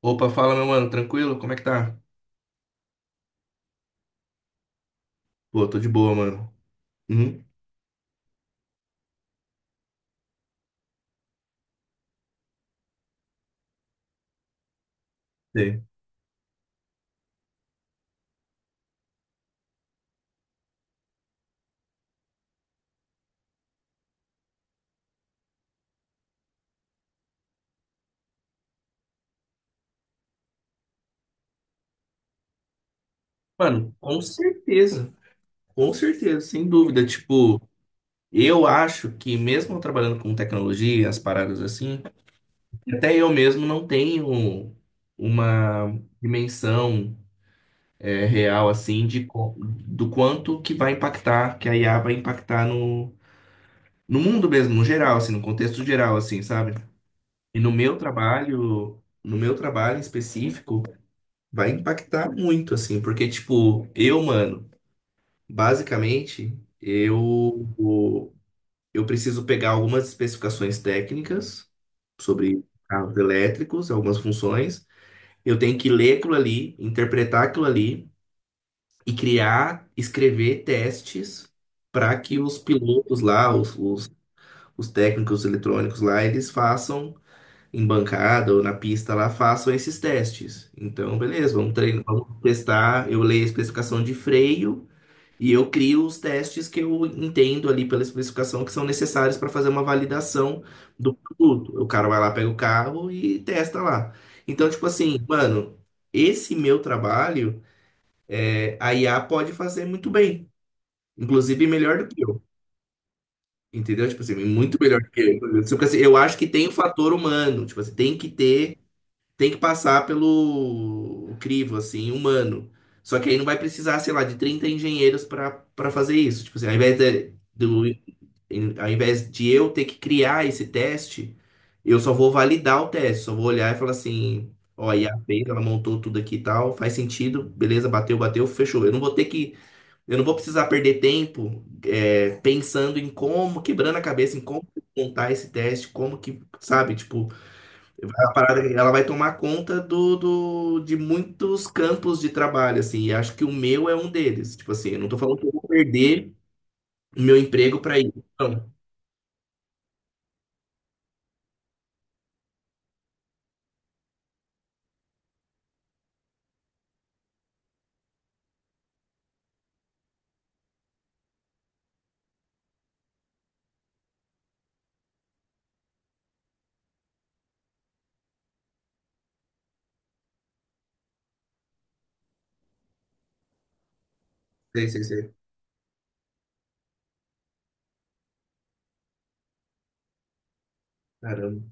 Opa, fala, meu mano, tranquilo? Como é que tá? Pô, tô de boa, mano. Uhum. Sei. Mano, com certeza, sem dúvida. Tipo, eu acho que mesmo eu trabalhando com tecnologia, as paradas assim, até eu mesmo não tenho uma dimensão real, assim, de, do quanto que vai impactar, que a IA vai impactar no mundo mesmo, no geral, assim, no contexto geral, assim, sabe? E no meu trabalho em específico, vai impactar muito, assim, porque, tipo, eu, mano, basicamente, eu preciso pegar algumas especificações técnicas sobre carros elétricos, algumas funções. Eu tenho que ler aquilo ali, interpretar aquilo ali e criar, escrever testes para que os pilotos lá, os técnicos eletrônicos lá, eles façam em bancada ou na pista lá façam esses testes. Então, beleza, vamos treinar, vamos testar. Eu leio a especificação de freio e eu crio os testes que eu entendo ali pela especificação que são necessários para fazer uma validação do produto. O cara vai lá, pega o carro e testa lá. Então, tipo assim, mano, esse meu trabalho, a IA pode fazer muito bem, inclusive melhor do que eu. Entendeu? Tipo assim, muito melhor do que eu. Tipo assim, eu acho que tem o fator humano, tipo assim, tem que passar pelo crivo, assim, humano. Só que aí não vai precisar, sei lá, de 30 engenheiros para fazer isso. Tipo assim, ao invés de eu ter que criar esse teste, eu só vou validar o teste, só vou olhar e falar assim, ó, a IA fez, ela montou tudo aqui e tal, faz sentido, beleza, bateu, bateu, fechou. Eu não vou precisar perder tempo pensando em como, quebrando a cabeça em como montar esse teste, como que, sabe, tipo, a parada, ela vai tomar conta de muitos campos de trabalho, assim, e acho que o meu é um deles. Tipo assim, eu não tô falando que eu vou perder o meu emprego para ir. Não. Sei, sei, sei. Caramba,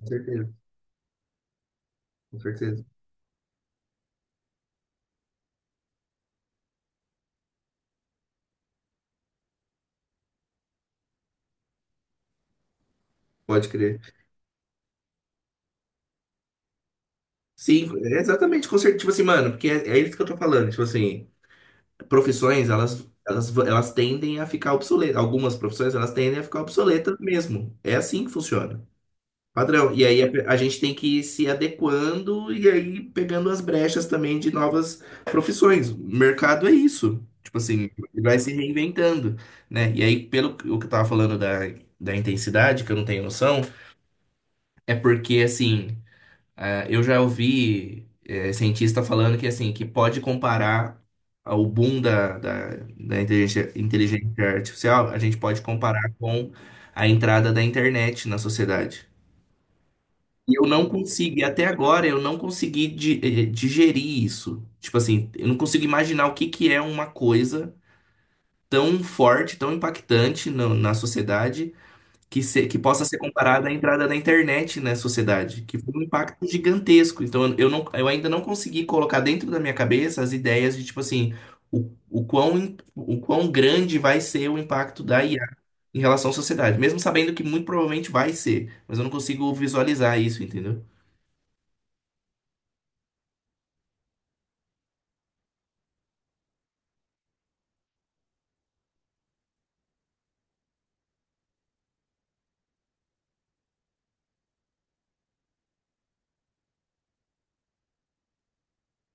com certeza, com certeza. Pode crer. Sim, é exatamente, com certeza. Tipo assim, mano, porque é isso que eu tô falando. Tipo assim, profissões, elas tendem a ficar obsoletas. Algumas profissões, elas tendem a ficar obsoletas mesmo. É assim que funciona. Padrão. E aí a gente tem que ir se adequando e aí pegando as brechas também de novas profissões. O mercado é isso. Tipo assim, ele vai se reinventando, né? E aí, o que eu tava falando da intensidade, que eu não tenho noção, é porque, assim, ah, eu já ouvi cientista falando que, assim, que pode comparar o boom da inteligência, artificial, a gente pode comparar com a entrada da internet na sociedade. E eu não consigo, e até agora eu não consegui digerir isso. Tipo assim, eu não consigo imaginar o que que é uma coisa tão forte, tão impactante na sociedade, que, que possa ser comparada à entrada da internet na sociedade, que foi um impacto gigantesco. Então eu não, eu ainda não consegui colocar dentro da minha cabeça as ideias de, tipo assim, o quão grande vai ser o impacto da IA em relação à sociedade, mesmo sabendo que muito provavelmente vai ser, mas eu não consigo visualizar isso, entendeu?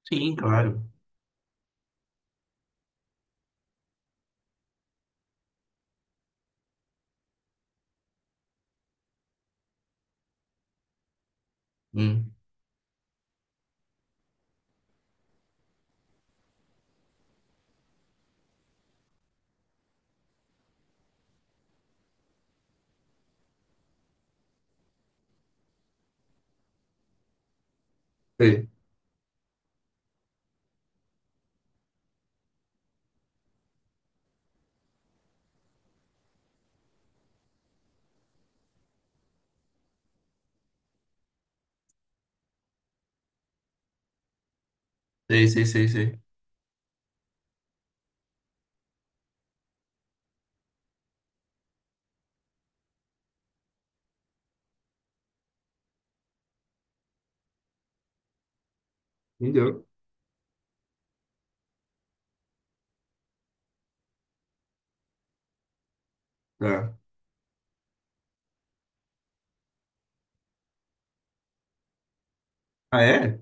Sim, claro. Hum. Sei, sei, sei, sei. Sei. Entendeu? Tá. Ah, é?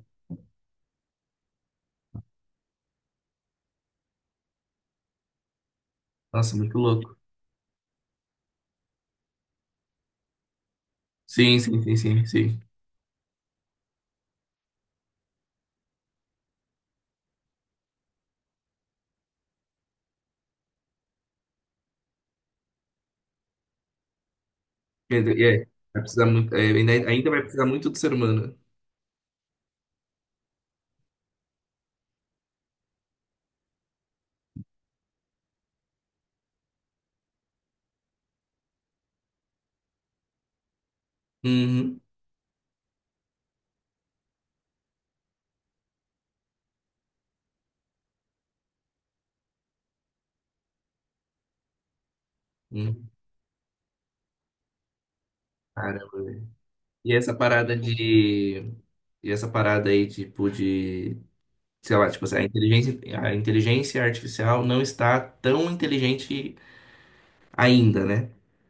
Nossa, muito louco. Sim, sim, sim, sim, sim. Quer dizer, é, vai precisar muito, ainda vai precisar muito do ser humano. Uhum. Uhum. Caramba, velho. E essa parada de. E essa parada aí, tipo, de. Sei lá, tipo assim, a inteligência artificial não está tão inteligente ainda, né?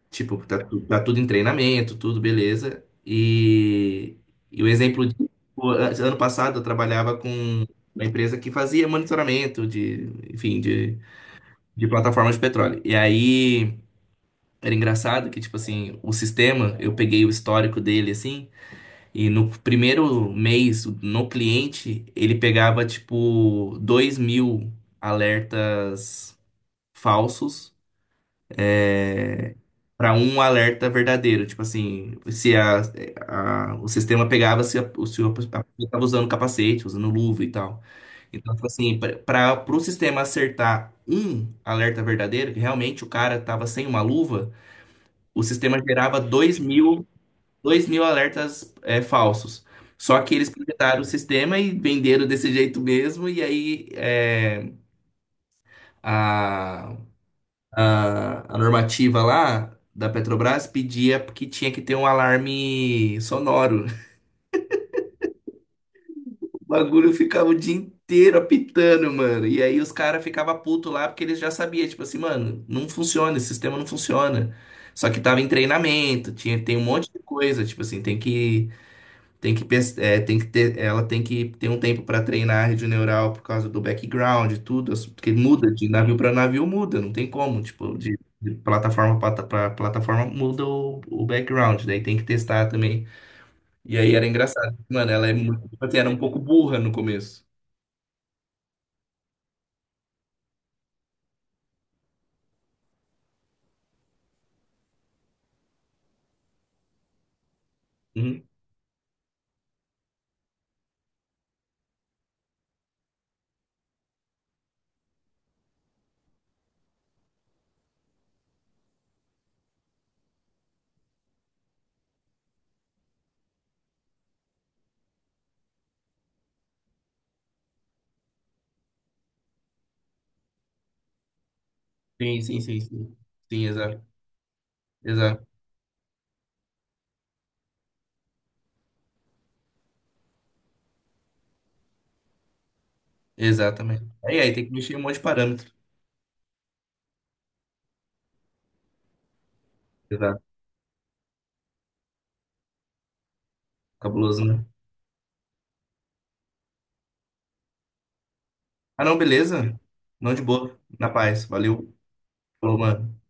Tipo, tá, tá tudo em treinamento, tudo beleza. E o exemplo de ano passado eu trabalhava com uma empresa que fazia monitoramento de, enfim, de plataformas de petróleo. E aí era engraçado que, tipo assim, o sistema, eu peguei o histórico dele assim, e no primeiro mês, no cliente, ele pegava, tipo, 2.000 alertas falsos para um alerta verdadeiro, tipo assim, se o sistema pegava se a pessoa estava usando capacete, usando luva e tal. Então, tipo assim, para o sistema acertar um alerta verdadeiro, que realmente o cara estava sem uma luva, o sistema gerava 2.000 alertas falsos. Só que eles projetaram o sistema e venderam desse jeito mesmo, e aí a normativa lá da Petrobras pedia que tinha que ter um alarme sonoro. O bagulho ficava o dia inteiro apitando, mano. E aí os caras ficavam putos lá porque eles já sabiam, tipo assim, mano, não funciona, esse sistema não funciona. Só que tava em treinamento, tinha, tem um monte de coisa, tipo assim, ela tem que ter um tempo para treinar a rede neural por causa do background e tudo, porque muda de navio para navio, muda, não tem como, tipo, de plataforma para plataforma muda o background, daí tem que testar também. E aí era engraçado, mano, ela é muito, tipo assim, era um pouco burra no começo. Uhum. Sim, sim, sim, sim. Sim, exato, exato, exatamente. Aí tem que mexer em um monte de parâmetro. Exato, cabuloso, né? Ah, não, beleza? Não de boa, na paz, valeu, falou, mano.